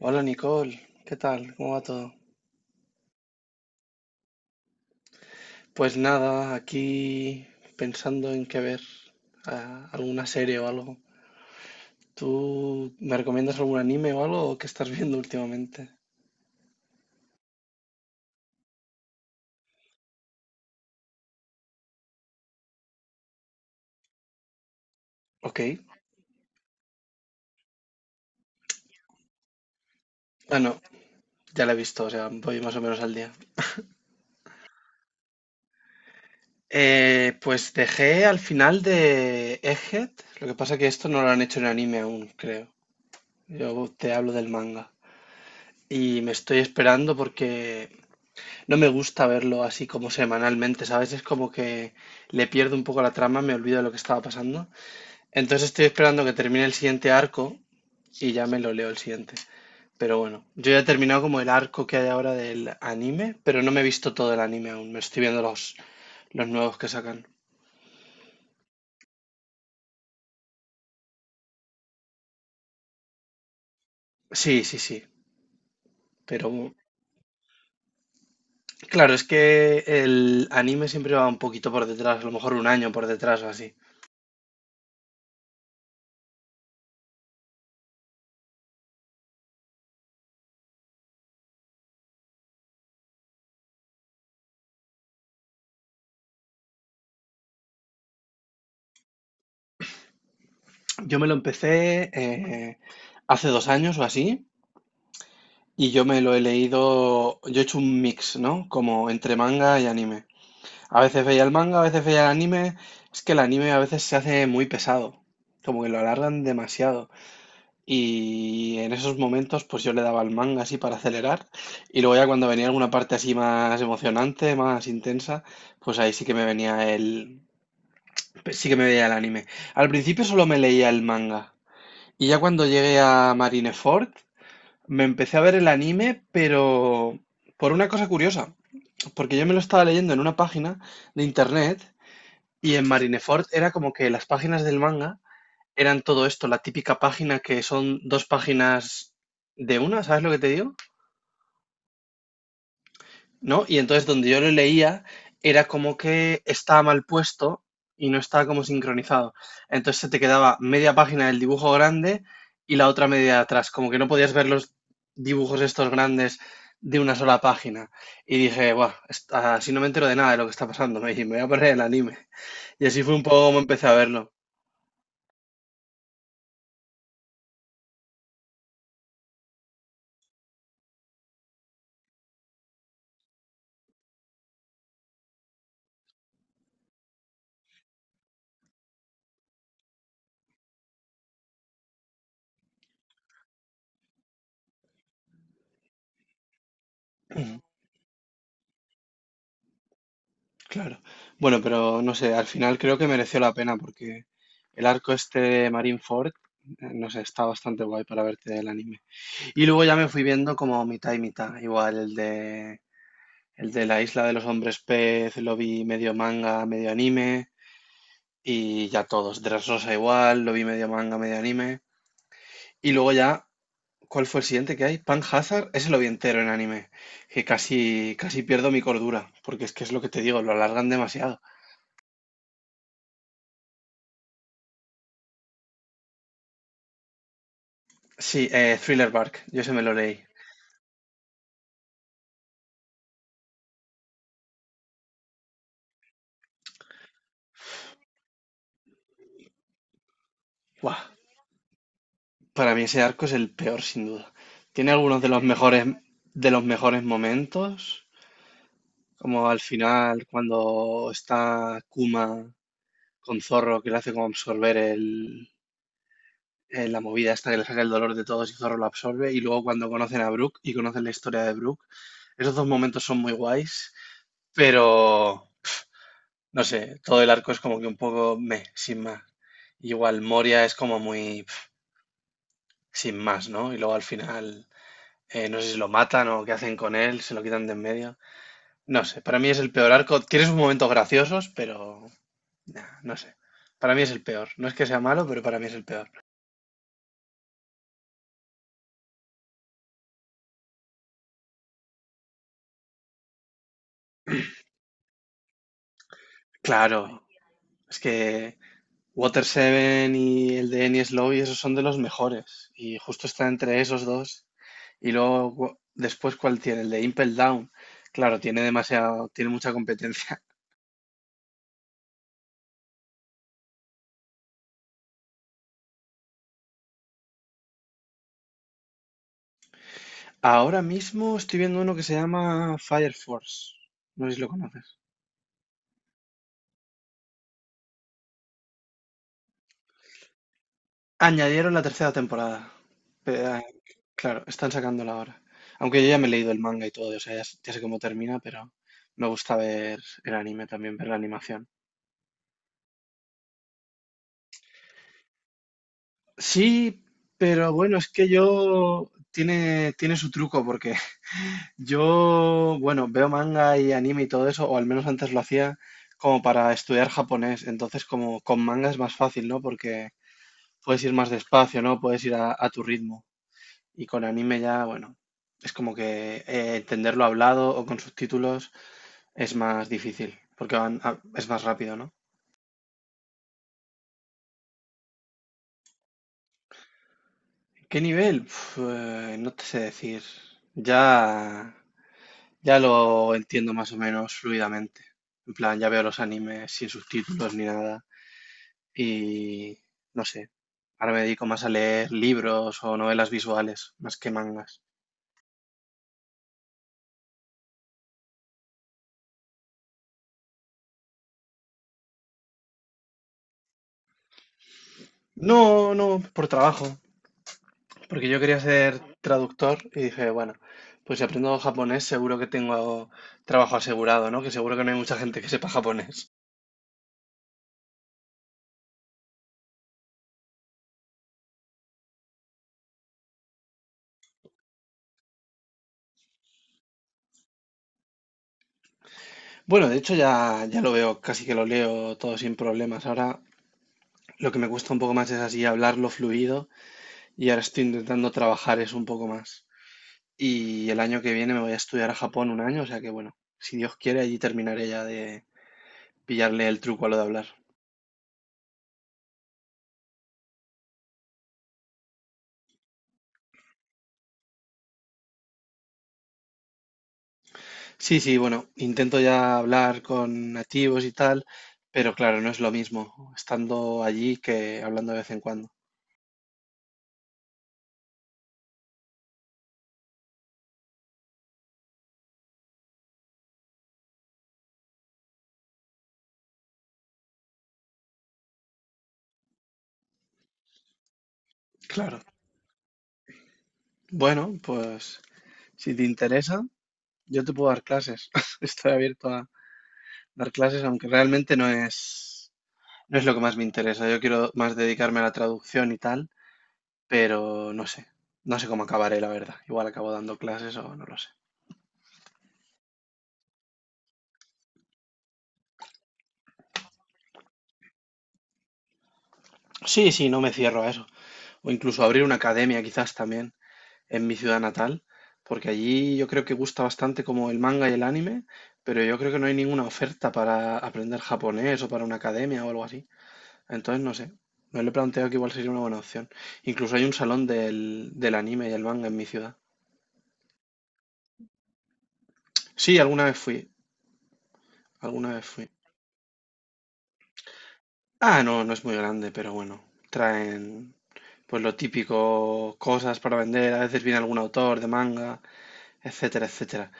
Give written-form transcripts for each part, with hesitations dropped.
Hola Nicole, ¿qué tal? ¿Cómo va todo? Pues nada, aquí pensando en qué ver, alguna serie o algo. ¿Tú me recomiendas algún anime o algo que estás viendo últimamente? Ok. Ah, no, ya la he visto, o sea, voy más o menos al día. Pues dejé al final de Egghead, lo que pasa que esto no lo han hecho en anime aún, creo. Yo te hablo del manga. Y me estoy esperando porque no me gusta verlo así como semanalmente, ¿sabes? Es como que le pierdo un poco la trama, me olvido de lo que estaba pasando. Entonces estoy esperando que termine el siguiente arco y ya me lo leo el siguiente. Pero bueno, yo ya he terminado como el arco que hay ahora del anime, pero no me he visto todo el anime aún, me estoy viendo los nuevos que sacan. Sí, sí, sí, pero claro, es que el anime siempre va un poquito por detrás, a lo mejor un año por detrás o así. Yo me lo empecé hace 2 años o así. Y yo me lo he leído, yo he hecho un mix, ¿no? Como entre manga y anime. A veces veía el manga, a veces veía el anime. Es que el anime a veces se hace muy pesado, como que lo alargan demasiado. Y en esos momentos pues yo le daba al manga así para acelerar y luego ya cuando venía alguna parte así más emocionante, más intensa, pues ahí sí que sí que me veía el anime. Al principio solo me leía el manga y ya cuando llegué a Marineford me empecé a ver el anime, pero por una cosa curiosa, porque yo me lo estaba leyendo en una página de internet y en Marineford era como que las páginas del manga eran todo esto, la típica página que son dos páginas de una, ¿sabes lo que te digo? ¿No? Y entonces donde yo lo leía era como que estaba mal puesto y no estaba como sincronizado. Entonces se te quedaba media página del dibujo grande y la otra media de atrás, como que no podías ver los dibujos estos grandes de una sola página. Y dije, buah, así no me entero de nada de lo que está pasando, me dije, me voy a perder el anime. Y así fue un poco como empecé a verlo. Ujú, claro. Bueno, pero no sé, al final creo que mereció la pena porque el arco este de Marineford, no sé, está bastante guay para verte el anime. Y luego ya me fui viendo como mitad y mitad. Igual el de la isla de los hombres pez lo vi medio manga, medio anime. Y ya todos. Dressrosa igual, lo vi medio manga, medio anime. Y luego ya, ¿cuál fue el siguiente que hay? Pan Hazard, ese lo vi entero en anime. Que casi, casi pierdo mi cordura. Porque es que es lo que te digo, lo alargan demasiado. Sí, Thriller Bark, yo se me lo leí. Guau, para mí ese arco es el peor, sin duda. Tiene algunos de los mejores momentos. Como al final, cuando está Kuma con Zorro, que le hace como absorber la movida esta que le saca el dolor de todos y Zorro lo absorbe. Y luego cuando conocen a Brook y conocen la historia de Brook, esos dos momentos son muy guays, pero no sé, todo el arco es como que un poco meh, sin más. Igual Moria es como muy pf, sin más, ¿no? Y luego al final, no sé si lo matan o qué hacen con él, se lo quitan de en medio. No sé, para mí es el peor arco. Tiene sus momentos graciosos, pero nah, no sé. Para mí es el peor. No es que sea malo, pero para mí es el peor. Claro, es que Water Seven y el de Enies Lobby, esos son de los mejores. Y justo está entre esos dos. Y luego, después, ¿cuál tiene? El de Impel Down. Claro, tiene demasiado, tiene mucha competencia. Ahora mismo estoy viendo uno que se llama Fire Force. No sé si lo conoces. Añadieron la tercera temporada. Pe- ah, claro, están sacándola ahora. Aunque yo ya me he leído el manga y todo, o sea, ya, ya sé cómo termina, pero me gusta ver el anime también, ver la animación. Sí, pero bueno, es que yo tiene su truco, porque yo, bueno, veo manga y anime y todo eso, o al menos antes lo hacía como para estudiar japonés. Entonces, como con manga es más fácil, ¿no? Porque puedes ir más despacio, ¿no? Puedes ir a tu ritmo. Y con anime ya, bueno, es como que entenderlo hablado o con subtítulos es más difícil, porque es más rápido, ¿no? ¿Qué nivel? No te sé decir. Ya, ya lo entiendo más o menos fluidamente. En plan, ya veo los animes sin subtítulos ni nada. Y no sé. Ahora me dedico más a leer libros o novelas visuales, más que mangas. No, no, por trabajo. Porque yo quería ser traductor y dije, bueno, pues si aprendo japonés seguro que tengo trabajo asegurado, ¿no? Que seguro que no hay mucha gente que sepa japonés. Bueno, de hecho ya, ya lo veo, casi que lo leo todo sin problemas. Ahora lo que me cuesta un poco más es así hablarlo fluido y ahora estoy intentando trabajar eso un poco más. Y el año que viene me voy a estudiar a Japón un año, o sea que bueno, si Dios quiere allí terminaré ya de pillarle el truco a lo de hablar. Sí, sí, bueno, intento ya hablar con nativos y tal, pero claro, no es lo mismo estando allí que hablando de vez en cuando. Claro. Bueno, pues si te interesa, yo te puedo dar clases. Estoy abierto a dar clases, aunque realmente no es lo que más me interesa. Yo quiero más dedicarme a la traducción y tal, pero no sé. No sé cómo acabaré, la verdad. Igual acabo dando clases o no lo sé. Sí, sí, no me cierro a eso. O incluso abrir una academia quizás también. En mi ciudad natal, porque allí yo creo que gusta bastante como el manga y el anime, pero yo creo que no hay ninguna oferta para aprender japonés o para una academia o algo así. Entonces, no sé, me lo he planteado que igual sería una buena opción. Incluso hay un salón del anime y el manga en mi ciudad. Sí, alguna vez fui, alguna vez fui. Ah, no, no es muy grande, pero bueno, traen pues lo típico, cosas para vender, a veces viene algún autor de manga, etcétera, etcétera.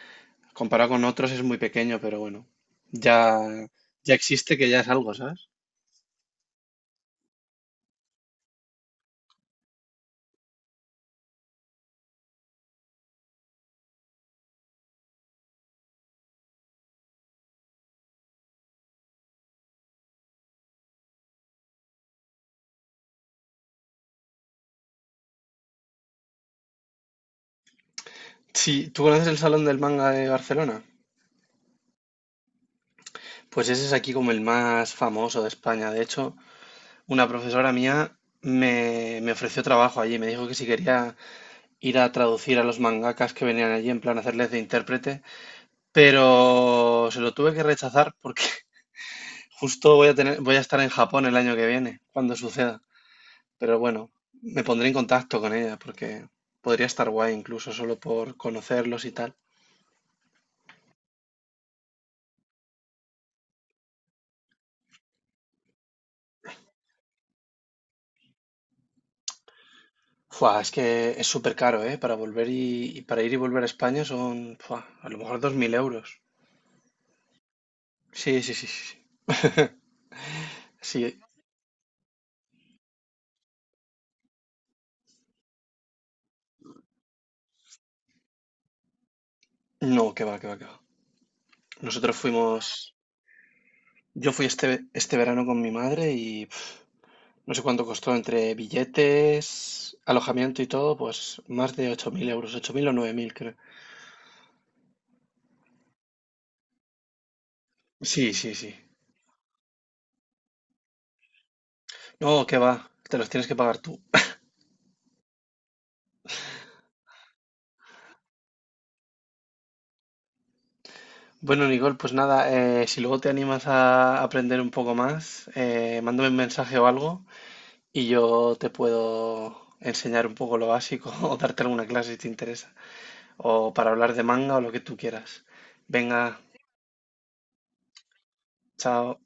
Comparado con otros es muy pequeño, pero bueno, ya, ya existe que ya es algo, ¿sabes? Sí, ¿tú conoces el Salón del Manga de Barcelona? Pues ese es aquí como el más famoso de España. De hecho, una profesora mía me ofreció trabajo allí, me dijo que si quería ir a traducir a los mangakas que venían allí, en plan hacerles de intérprete, pero se lo tuve que rechazar porque justo voy a estar en Japón el año que viene, cuando suceda. Pero bueno, me pondré en contacto con ella porque podría estar guay incluso solo por conocerlos y tal. Fua, es que es súper caro, ¿eh? Para volver y para ir y volver a España son, fua, a lo mejor 2.000 euros. Sí, sí, sí, sí. Sí, sí, no, que va, que va, que va. Nosotros fuimos, yo fui este verano con mi madre y no sé cuánto costó entre billetes, alojamiento y todo, pues más de 8.000 euros, 8.000 o 9.000, creo. Sí, sí, sí. No, que va, te los tienes que pagar tú. Bueno, Nicole, pues nada, si luego te animas a aprender un poco más, mándame un mensaje o algo y yo te puedo enseñar un poco lo básico o darte alguna clase si te interesa, o para hablar de manga o lo que tú quieras. Venga, chao.